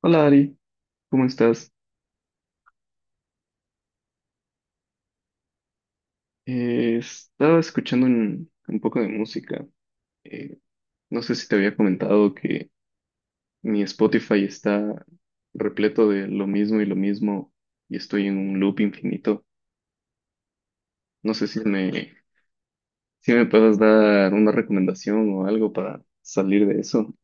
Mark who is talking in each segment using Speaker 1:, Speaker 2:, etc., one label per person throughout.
Speaker 1: Hola Ari, ¿cómo estás? Estaba escuchando un poco de música. Eh, no sé si te había comentado que mi Spotify está repleto de lo mismo y estoy en un loop infinito. No sé si me, si me puedas dar una recomendación o algo para salir de eso.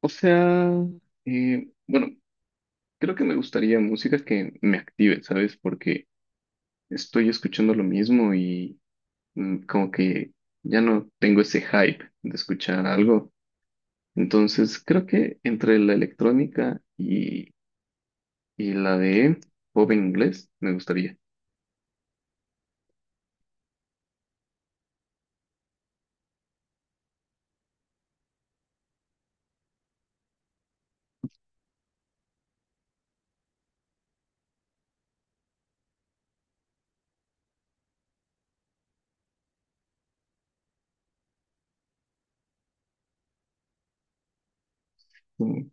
Speaker 1: O sea, bueno, creo que me gustaría música que me active, ¿sabes? Porque estoy escuchando lo mismo y como que ya no tengo ese hype de escuchar algo. Entonces, creo que entre la electrónica y la de pop en inglés me gustaría. Mm.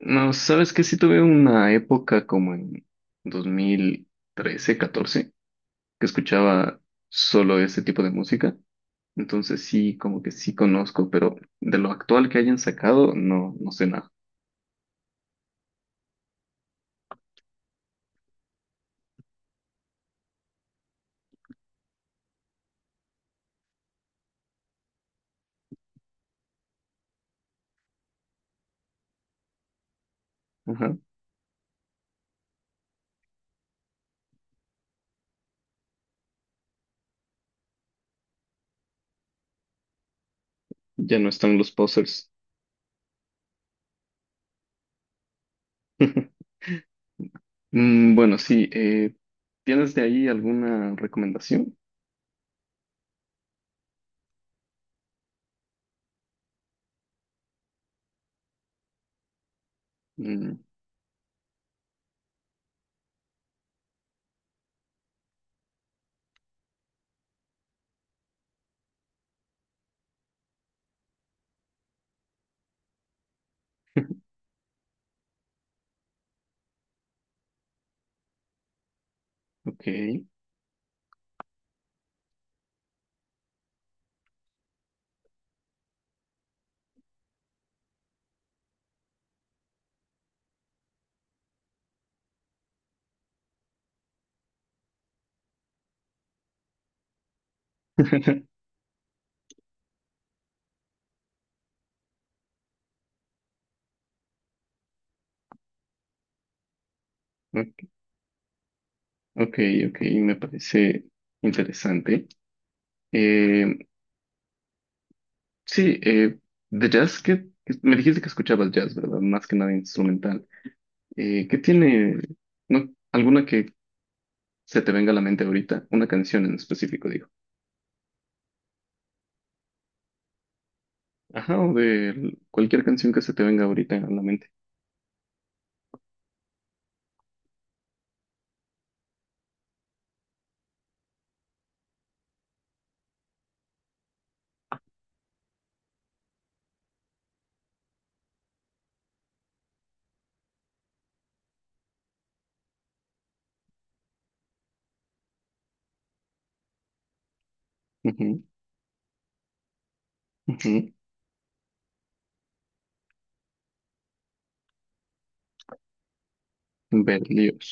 Speaker 1: No, sabes que sí tuve una época como en 2013, 2014 que escuchaba solo ese tipo de música. Entonces sí, como que sí conozco, pero de lo actual que hayan sacado, no, no sé nada. Ajá. Ya no están los posers. Bueno, sí, ¿tienes de ahí alguna recomendación? Mm, ok. Ok, ok, ok, me parece interesante. Eh, sí, de jazz, que me dijiste que escuchabas jazz, ¿verdad? Más que nada instrumental. Eh, ¿qué tiene, no, ¿alguna que se te venga a la mente ahorita? Una canción en específico, digo. Ajá, o de cualquier canción que se te venga ahorita a la mente. Ujú, ujú. Berlioz.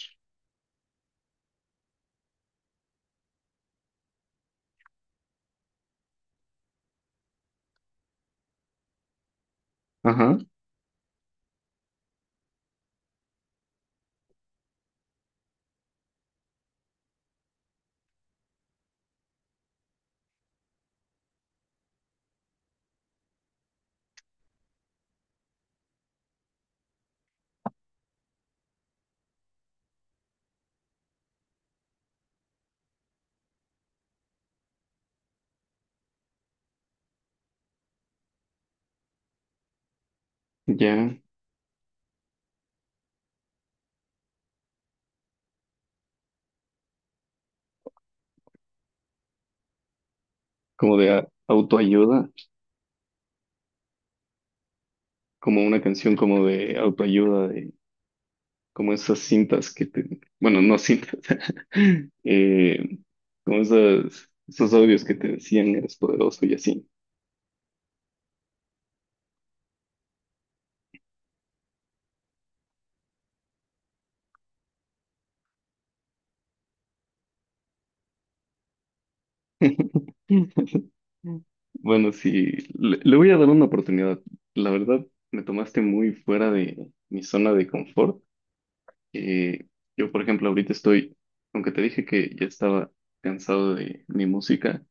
Speaker 1: Ajá, ya, como de a- autoayuda. Como una canción como de autoayuda, de como esas cintas que te, bueno, no cintas, eh, como esas, esos audios que te decían eres poderoso y así. Bueno, sí, le voy a dar una oportunidad. La verdad, me tomaste muy fuera de mi zona de confort. Eh, yo, por ejemplo, ahorita estoy, aunque te dije que ya estaba cansado de mi música,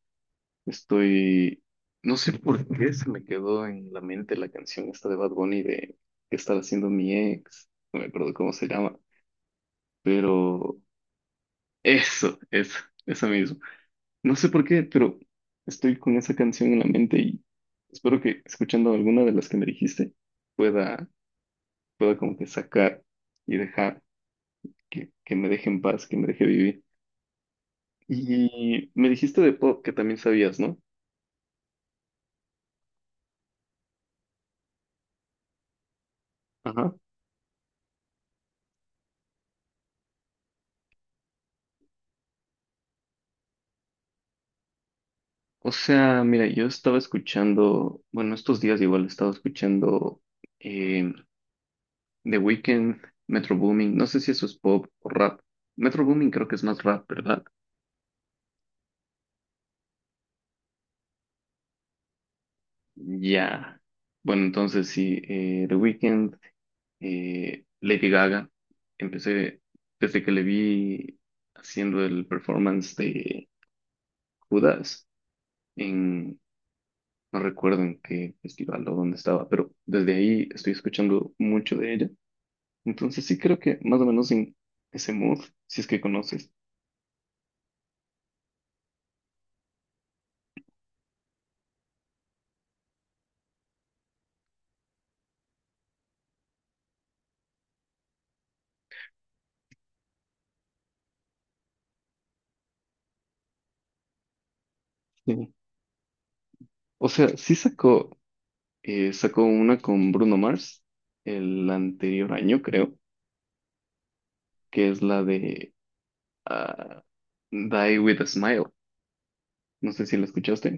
Speaker 1: estoy, no sé por qué se me quedó en la mente la canción esta de Bad Bunny de ¿qué estará haciendo mi ex? No me acuerdo cómo se llama, pero eso, eso, eso mismo. No sé por qué, pero estoy con esa canción en la mente y espero que escuchando alguna de las que me dijiste pueda, pueda como que sacar y dejar que me deje en paz, que me deje vivir. Y me dijiste de pop que también sabías, ¿no? Ajá. O sea, mira, yo estaba escuchando, bueno, estos días igual estaba escuchando eh, The Weeknd, Metro Boomin, no sé si eso es pop o rap. Metro Boomin creo que es más rap, ¿verdad? Ya. Bueno, entonces sí, The Weeknd, Lady Gaga, empecé desde que le vi haciendo el performance de Judas en, no recuerdo en qué festival o dónde estaba, pero desde ahí estoy escuchando mucho de ella. Entonces sí creo que más o menos en ese mood, si es que conoces. Sí. O sea, sí sacó, sacó una con Bruno Mars el anterior año, creo, que es la de ah, Die with a Smile. No sé si la escuchaste.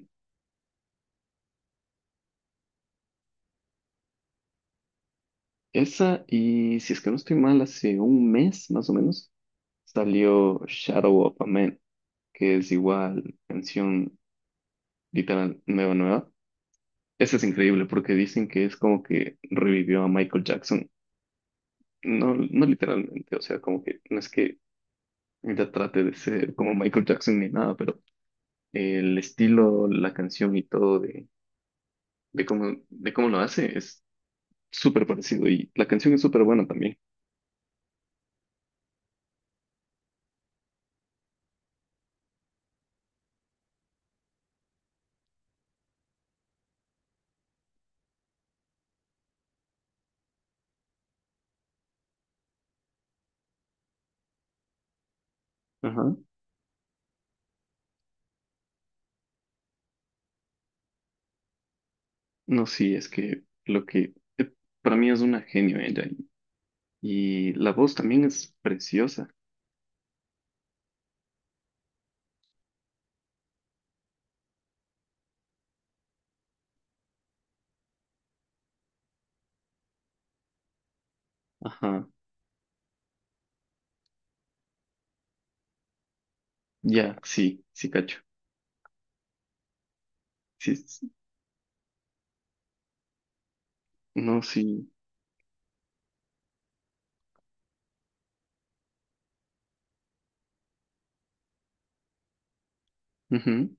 Speaker 1: Esa y si es que no estoy mal, hace un mes más o menos salió Shadow of a Man, que es igual canción literal nueva, nueva. Esa es increíble porque dicen que es como que revivió a Michael Jackson. No, no literalmente, o sea, como que no es que ella trate de ser como Michael Jackson ni nada, pero el estilo, la canción y todo de cómo lo hace es súper parecido y la canción es súper buena también. Ajá. No, sí, es que lo que para mí es una genio ella, y la voz también es preciosa. Ajá. Ya, sí, sí, cacho. Sí, s- no, sí. Ujú.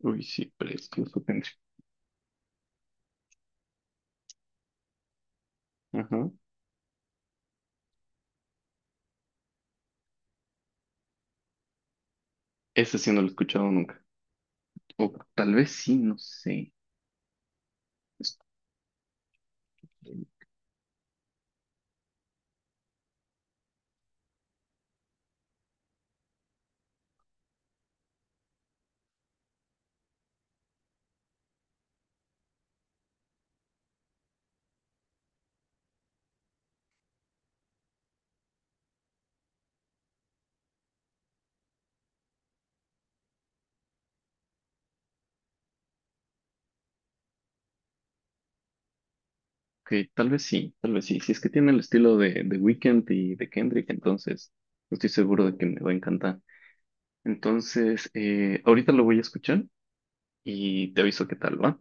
Speaker 1: Uy, sí, precioso, Henry. Ajá. Ese sí no lo he escuchado nunca. O tal vez sí, no sé. Es- que tal vez sí, tal vez sí. Si es que tiene el estilo de Weeknd y de Kendrick, entonces no estoy seguro de que me va a encantar. Entonces, ahorita lo voy a escuchar y te aviso qué tal, ¿va?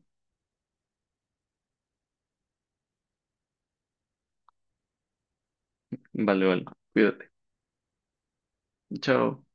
Speaker 1: Vale, vale. Cuídate. Chao.